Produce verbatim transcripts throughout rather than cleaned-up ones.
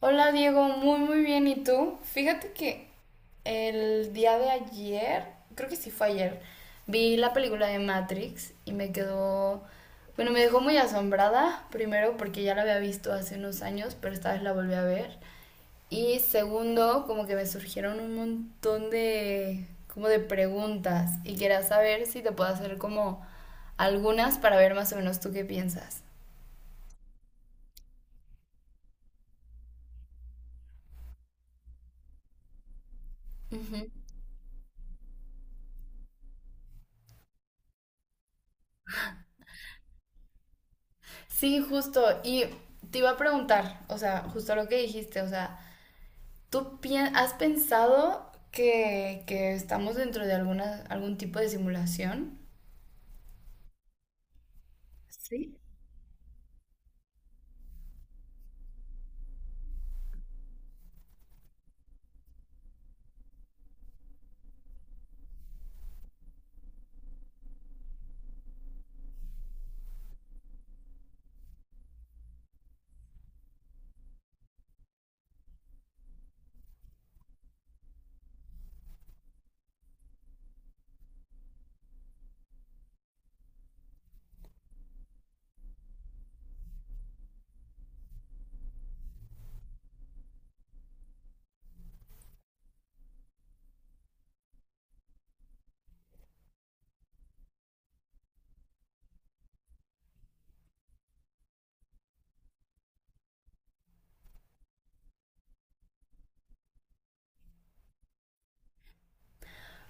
Hola Diego, muy muy bien. ¿Y tú? Fíjate que el día de ayer, creo que sí fue ayer, vi la película de Matrix y me quedó, bueno, me dejó muy asombrada, primero porque ya la había visto hace unos años, pero esta vez la volví a ver. Y segundo, como que me surgieron un montón de, como de preguntas y quería saber si te puedo hacer como algunas para ver más o menos tú qué piensas. Ujú. Sí, justo. Y te iba a preguntar, o sea, justo lo que dijiste, o sea, ¿tú pi- has pensado que, que estamos dentro de alguna, algún tipo de simulación? Sí.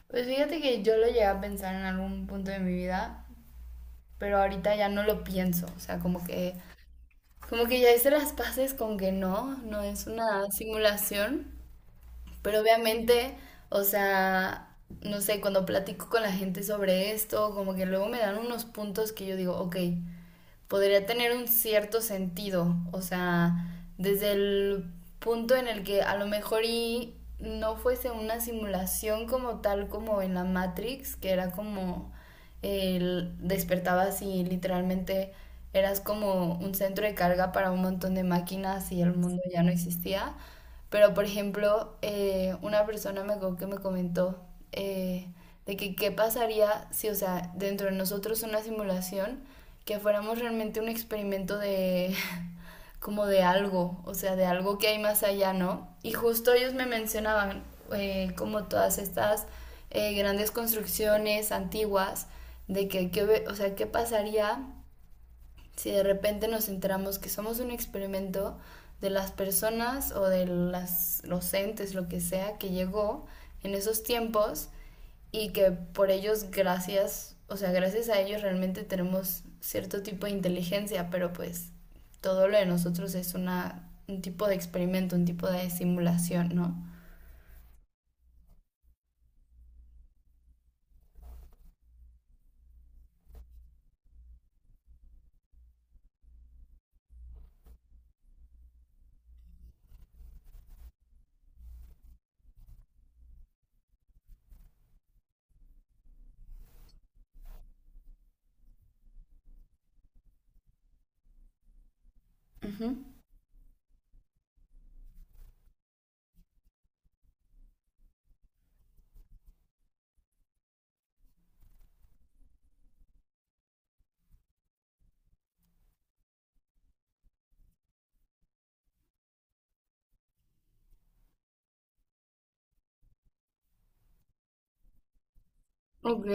Pues fíjate que yo lo llegué a pensar en algún punto de mi vida, pero ahorita ya no lo pienso, o sea, como que, como que ya hice las paces con que no, no es una simulación, pero obviamente, o sea, no sé, cuando platico con la gente sobre esto, como que luego me dan unos puntos que yo digo, ok, podría tener un cierto sentido, o sea, desde el punto en el que a lo mejor y no fuese una simulación como tal como en la Matrix, que era como el, despertabas y literalmente eras como un centro de carga para un montón de máquinas y el mundo ya no existía, pero, por ejemplo, eh, una persona me, co- que me comentó eh, de que qué pasaría si, o sea, dentro de nosotros una simulación, que fuéramos realmente un experimento de, como de algo, o sea, de algo que hay más allá, ¿no? Y justo ellos me mencionaban eh, como todas estas eh, grandes construcciones antiguas, de que, qué o sea, qué pasaría si de repente nos enteramos que somos un experimento de las personas o de las, los entes, lo que sea, que llegó en esos tiempos y que por ellos, gracias, o sea, gracias a ellos realmente tenemos cierto tipo de inteligencia, pero pues todo lo de nosotros es una, un tipo de experimento, un tipo de simulación, ¿no? Uh -huh. Ok.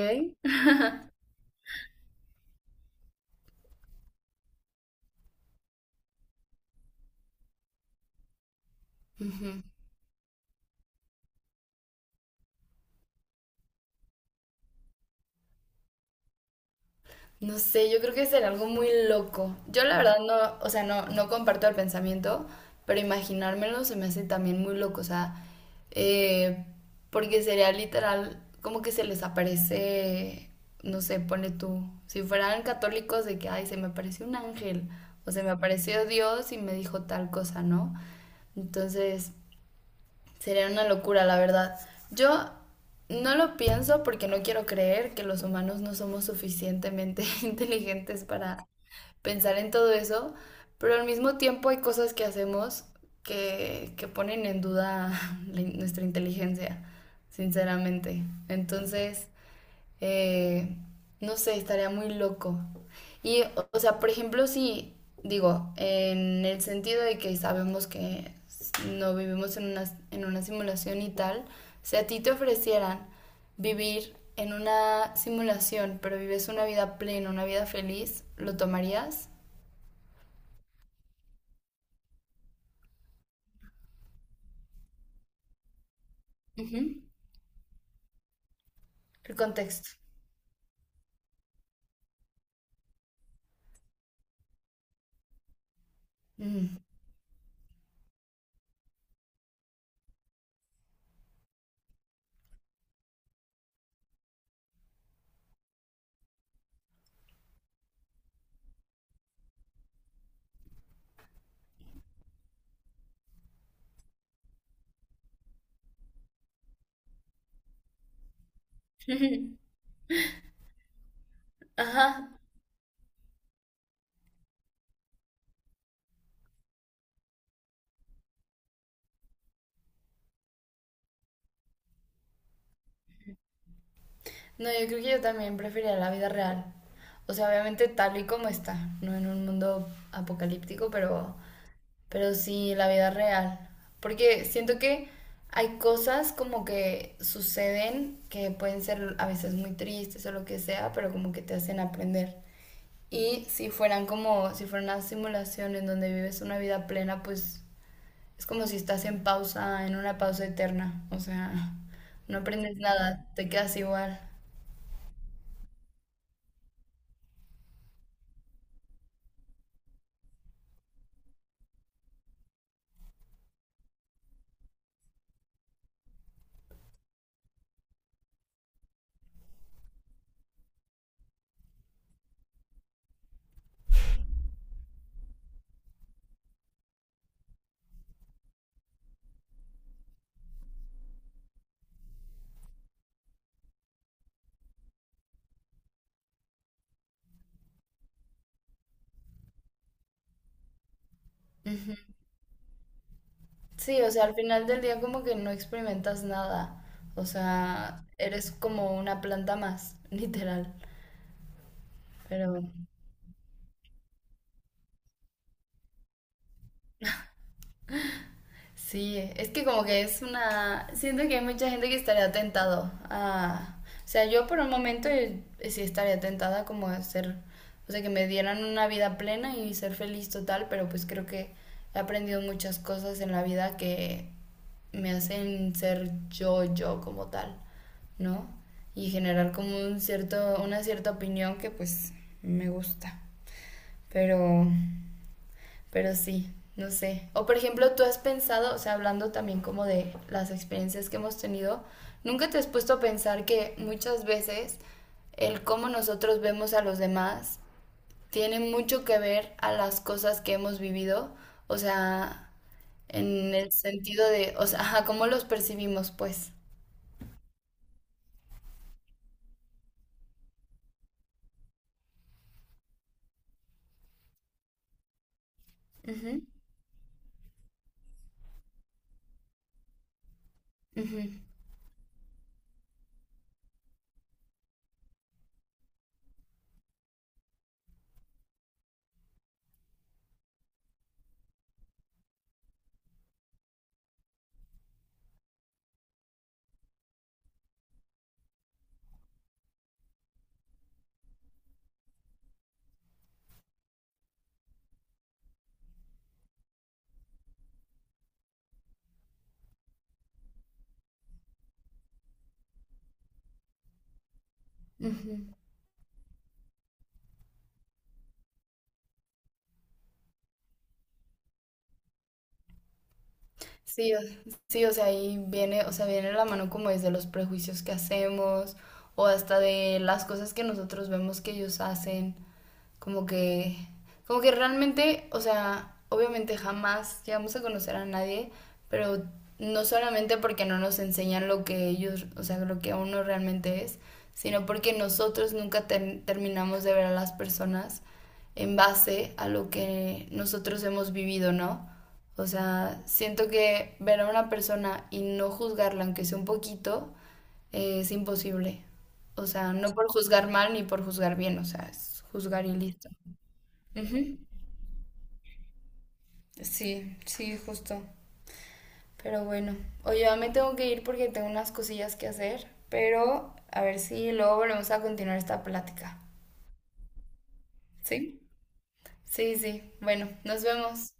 Uh -huh. No sé, yo creo que será algo muy loco. Yo la verdad no, o sea, no, no comparto el pensamiento, pero imaginármelo se me hace también muy loco, o sea, eh, porque sería literal como que se les aparece, no sé, pone tú, si fueran católicos de que, ay, se me apareció un ángel, o se me apareció Dios y me dijo tal cosa, ¿no? Entonces, sería una locura, la verdad. Yo no lo pienso porque no quiero creer que los humanos no somos suficientemente inteligentes para pensar en todo eso, pero al mismo tiempo hay cosas que hacemos que, que ponen en duda la in- nuestra inteligencia, sinceramente. Entonces, eh, no sé, estaría muy loco. Y, o o sea, por ejemplo, si digo, en el sentido de que sabemos que s- no vivimos en una, en una simulación y tal, si a ti te ofrecieran vivir en una simulación, pero vives una vida plena, una vida feliz, ¿lo tomarías? Ujú. El contexto. Mm. Ajá, no, yo creo que yo también preferiría la vida real. O sea, obviamente tal y como está, no en un mundo apocalíptico, pero, pero, sí la vida real. Porque siento que hay cosas como que suceden que pueden ser a veces muy tristes o lo que sea, pero como que te hacen aprender. Y si fueran como, si fuera una simulación en donde vives una vida plena, pues es como si estás en pausa, en una pausa eterna. O sea, no aprendes nada, te quedas igual. Sí, o sea, al final del día como que no experimentas nada. O sea, eres como una planta más, literal. Pero, sí, es que como que es una. Siento que hay mucha gente que estaría tentado a. O sea, yo por un momento eh, sí estaría tentada como a ser. O sea, que me dieran una vida plena y ser feliz total, pero pues creo que he aprendido muchas cosas en la vida que me hacen ser yo, yo como tal, ¿no? Y generar como un cierto, una cierta opinión que pues me gusta. Pero pero sí, no sé. O por ejemplo, tú has pensado, o sea, hablando también como de las experiencias que hemos tenido, ¿nunca te has puesto a pensar que muchas veces el cómo nosotros vemos a los demás tiene mucho que ver a las cosas que hemos vivido? O sea, en el sentido de, o sea, ajá, cómo los percibimos, pues. Ujú, ujú, ujú. Sí, o- sí, o sea, ahí viene, o sea, viene la mano como desde los prejuicios que hacemos o hasta de las cosas que nosotros vemos que ellos hacen. Como que, como que realmente, o sea, obviamente jamás llegamos a conocer a nadie, pero no solamente porque no nos enseñan lo que ellos, o sea, lo que uno realmente es, sino porque nosotros nunca ter- terminamos de ver a las personas en base a lo que nosotros hemos vivido, ¿no? O sea, siento que ver a una persona y no juzgarla, aunque sea un poquito, eh, es imposible. O sea, no por juzgar mal ni por juzgar bien, o sea, es juzgar y listo. Ujú. Sí, sí, justo. Pero bueno, oye, ya me tengo que ir porque tengo unas cosillas que hacer, pero a ver si luego volvemos a continuar esta plática. ¿Sí? Sí, sí. Bueno, nos vemos.